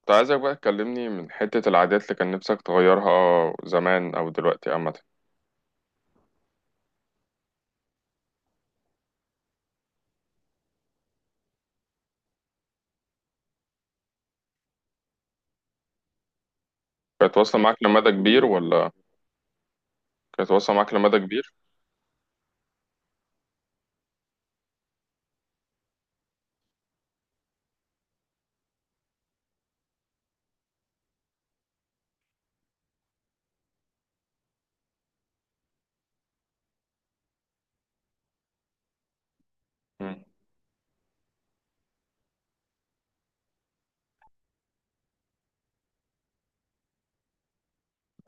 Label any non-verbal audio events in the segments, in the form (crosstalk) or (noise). كنت عايزك بقى تكلمني من حتة العادات اللي كان نفسك تغيرها زمان أو دلوقتي عامة. كانت واصلة معاك لمدى كبير ولا؟ كانت واصلة معاك لمدى كبير؟ مم.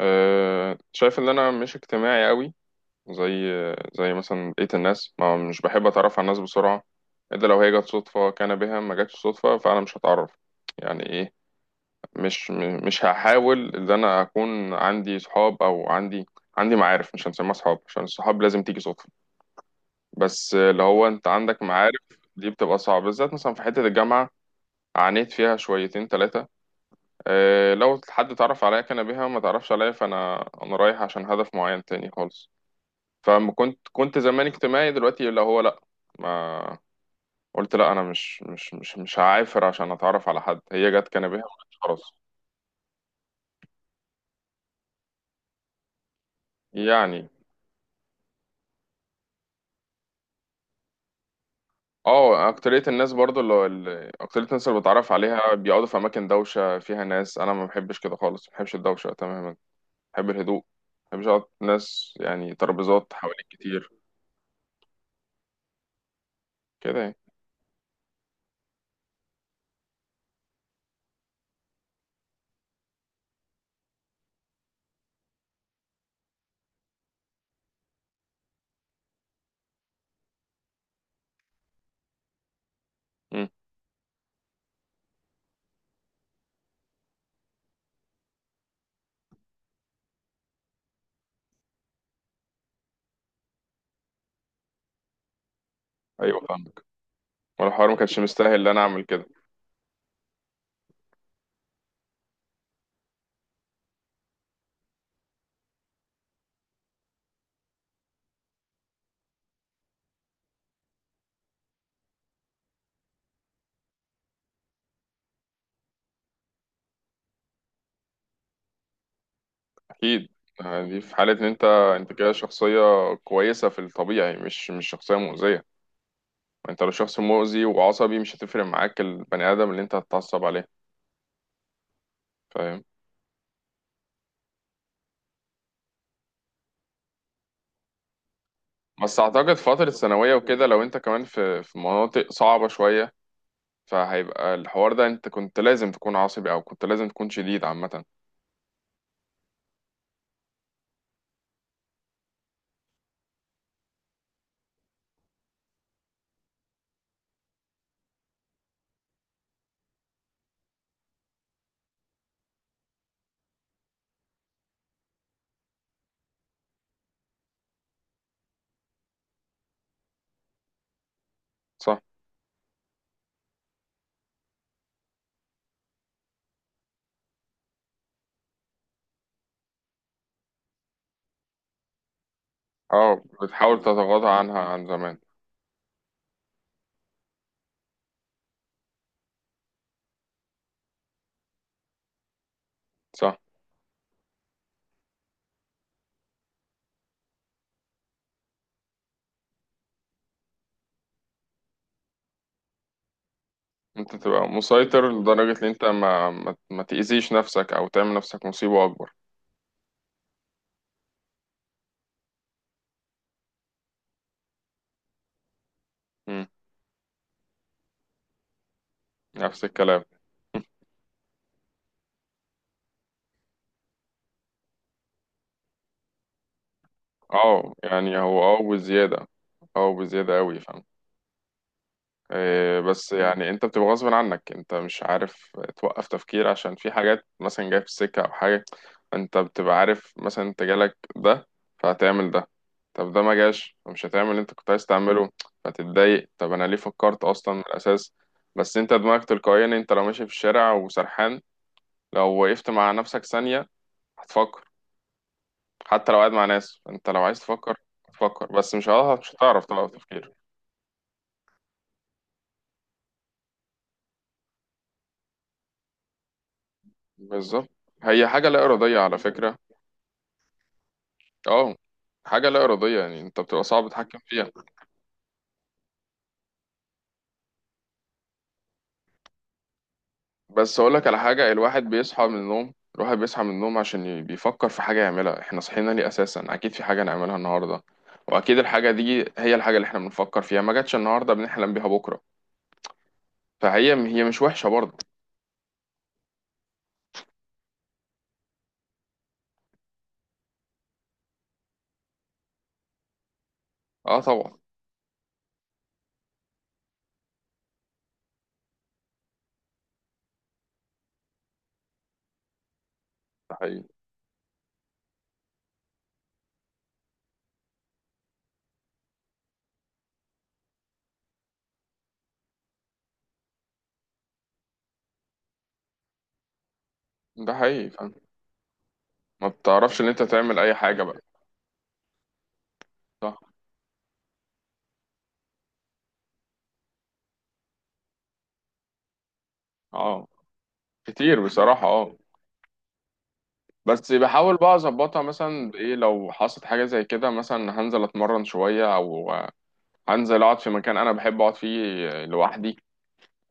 أه، شايف إن أنا مش اجتماعي قوي زي زي مثلا بقية الناس، ما مش بحب أتعرف على الناس بسرعة إلا لو هي جت صدفة، كان بها، ما جاتش صدفة فأنا مش هتعرف يعني إيه. مش هحاول إن أنا أكون عندي صحاب أو عندي معارف، مش هنسميها صحاب عشان الصحاب لازم تيجي صدفة، بس اللي هو انت عندك معارف. دي بتبقى صعبة بالذات مثلا في حتة الجامعة، عانيت فيها شويتين ثلاثة. اه، لو حد تعرف عليا كان بيها، ما تعرفش عليا فانا رايح عشان هدف معين تاني خالص. فما كنت زمان اجتماعي، دلوقتي اللي هو لا. ما قلت لا، انا مش هعافر عشان اتعرف على حد، هي جت كان بيها. خلاص، يعني. اه، اكترية الناس اللي بتعرف عليها بيقعدوا في اماكن دوشة فيها ناس، انا ما بحبش كده خالص، ما بحبش الدوشة تماما. بحب الهدوء، ما بحبش اقعد ناس يعني ترابيزات حواليك كتير. كده يعني. مم. ايوه فاهمك، وانا الحوار ما كانش مستاهل ان انا اعمل كده. اكيد. دي في حالة ان انت انت كده شخصية كويسة في الطبيعي، مش مش شخصية مؤذية. ما انت لو شخص مؤذي وعصبي مش هتفرق معاك البني ادم اللي انت هتتعصب عليه، فاهم. بس اعتقد فترة الثانوية وكده لو انت كمان في في مناطق صعبة شوية فهيبقى الحوار ده، انت كنت لازم تكون عصبي او كنت لازم تكون شديد عامة. صح. اه بتحاول تتغاضى عنها عن زمان. صح، انت تبقى مسيطر لدرجة ان انت ما تأذيش نفسك او تعمل نفسك مصيبة اكبر. مم. نفس الكلام. (laughs) اه، يعني هو بزيادة. اه بزيادة اوي، فاهم. إيه، بس يعني انت بتبقى غصب عنك، انت مش عارف توقف تفكير عشان في حاجات مثلا جاية في السكة او حاجة، انت بتبقى عارف مثلا انت جالك ده فهتعمل ده. طب ده ما جاش فمش هتعمل اللي انت كنت عايز تعمله فتتضايق. طب انا ليه فكرت اصلا من الاساس؟ بس انت دماغك تلقائيا، انت لو ماشي في الشارع وسرحان لو وقفت مع نفسك ثانية هتفكر. حتى لو قاعد مع ناس انت لو عايز تفكر هتفكر، بس مش هتعرف توقف تفكير. بالظبط، هي حاجة لا إرادية على فكرة. اه. حاجة لا إرادية، يعني أنت بتبقى صعب تتحكم فيها. بس أقولك على حاجة، الواحد بيصحى من النوم، الواحد بيصحى من النوم عشان ي- بيفكر في حاجة يعملها. احنا صحينا ليه أساسا؟ أكيد في حاجة نعملها النهاردة، وأكيد الحاجة دي هي الحاجة اللي احنا بنفكر فيها. ما جاتش النهاردة بنحلم بيها بكرة، فهي هي مش وحشة برضه. اه طبعا. ده حقيقي. ده حقيقي، فاهم. ما بتعرفش إن أنت تعمل أي حاجة بقى. صح. اه. كتير بصراحة، اه. بس بحاول بقى اظبطها مثلا بايه، لو حصلت حاجه زي كده مثلا هنزل اتمرن شويه، او هنزل اقعد في مكان انا بحب اقعد فيه لوحدي.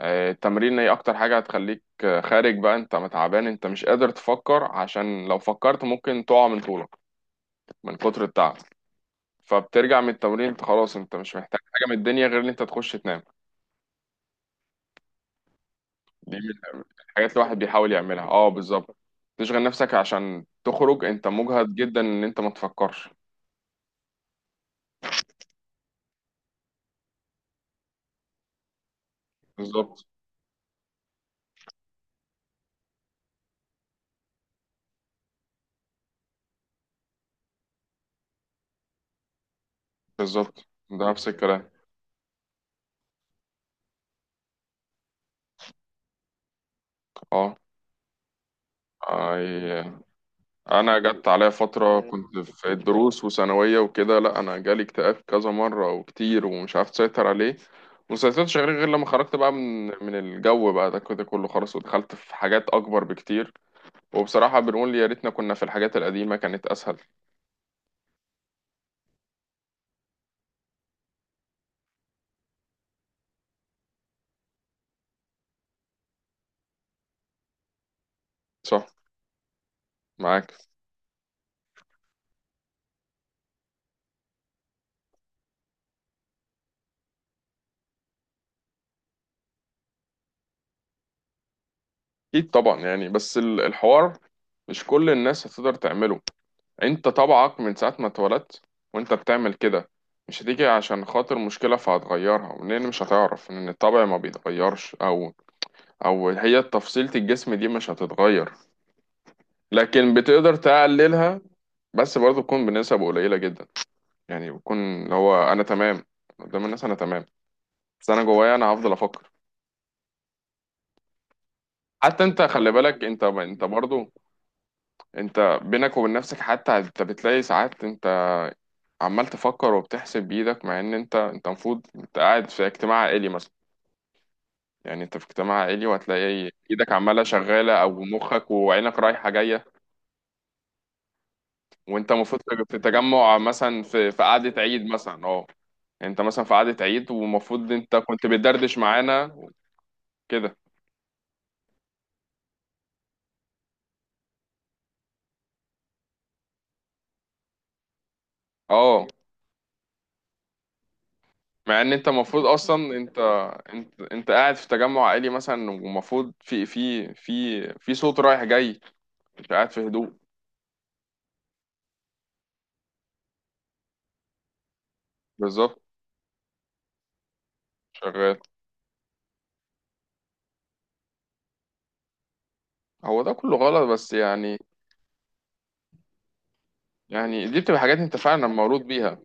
التمرين هي اكتر حاجة هتخليك خارج بقى، انت متعبان، انت مش قادر تفكر عشان لو فكرت ممكن تقع من طولك من كتر التعب. فبترجع من التمرين انت خلاص، انت مش محتاج حاجة من الدنيا غير ان انت تخش تنام. دي من الحاجات اللي الواحد بيحاول يعملها، اه بالظبط. تشغل نفسك عشان تخرج، انت مجهد جدا ان انت ما تفكرش. بالظبط. بالظبط، ده نفس الكلام. اه اي، انا جت عليا فتره كنت في الدروس وثانويه وكده، لا انا جالي اكتئاب كذا مره وكتير ومش عارف اسيطر عليه. ما سيطرتش عليه غير لما خرجت بقى من الجو بقى ده كده كله، خلاص ودخلت في حاجات اكبر بكتير. وبصراحه بنقول يا ريتنا كنا في الحاجات القديمه كانت اسهل. صح. معاك. اكيد طبعا، يعني بس الحوار مش كل الناس هتقدر تعمله. انت طبعك من ساعة ما اتولدت وانت بتعمل كده، مش هتيجي عشان خاطر مشكلة فهتغيرها لان مش هتعرف ان الطبع ما بيتغيرش. او او هي تفصيلة الجسم دي مش هتتغير، لكن بتقدر تقللها. بس برضه تكون بنسب قليلة جدا، يعني بتكون اللي هو انا تمام قدام الناس انا تمام، بس انا جوايا انا هفضل افكر. حتى انت خلي بالك، انت برضه، انت بينك وبين نفسك حتى انت بتلاقي ساعات انت عمال تفكر وبتحسب بايدك مع ان انت المفروض انت قاعد في اجتماع عائلي مثلا. يعني انت في اجتماع عائلي وهتلاقي ايدك عماله شغاله او مخك وعينك رايحه جايه وانت المفروض في تجمع مثلا في قعده عيد مثلا اه، انت مثلا في قعده عيد ومفروض انت كنت بتدردش معانا كده اه، مع ان انت المفروض اصلا انت قاعد في تجمع عائلي مثلا ومفروض في صوت رايح جاي، انت قاعد في هدوء. بالظبط. شغال. هو ده كله غلط بس يعني، يعني دي بتبقى حاجات انت فعلا مولود بيها.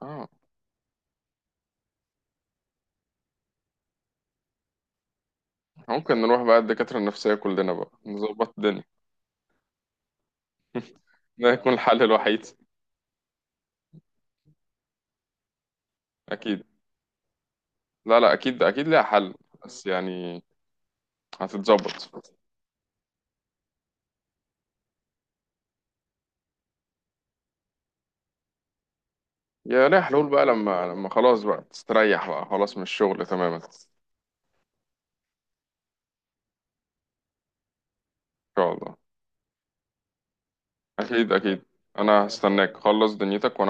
اه، ممكن نروح بقى الدكاترة النفسية كلنا بقى نظبط الدنيا. (laughs) ده يكون الحل الوحيد. اكيد. لا لا اكيد اكيد ليها حل، بس يعني هتتظبط. يا ليها حلول بقى لما خلاص بقى تستريح بقى خلاص من الشغل تماما. ان شاء الله، اكيد اكيد. انا هستناك خلص دنيتك.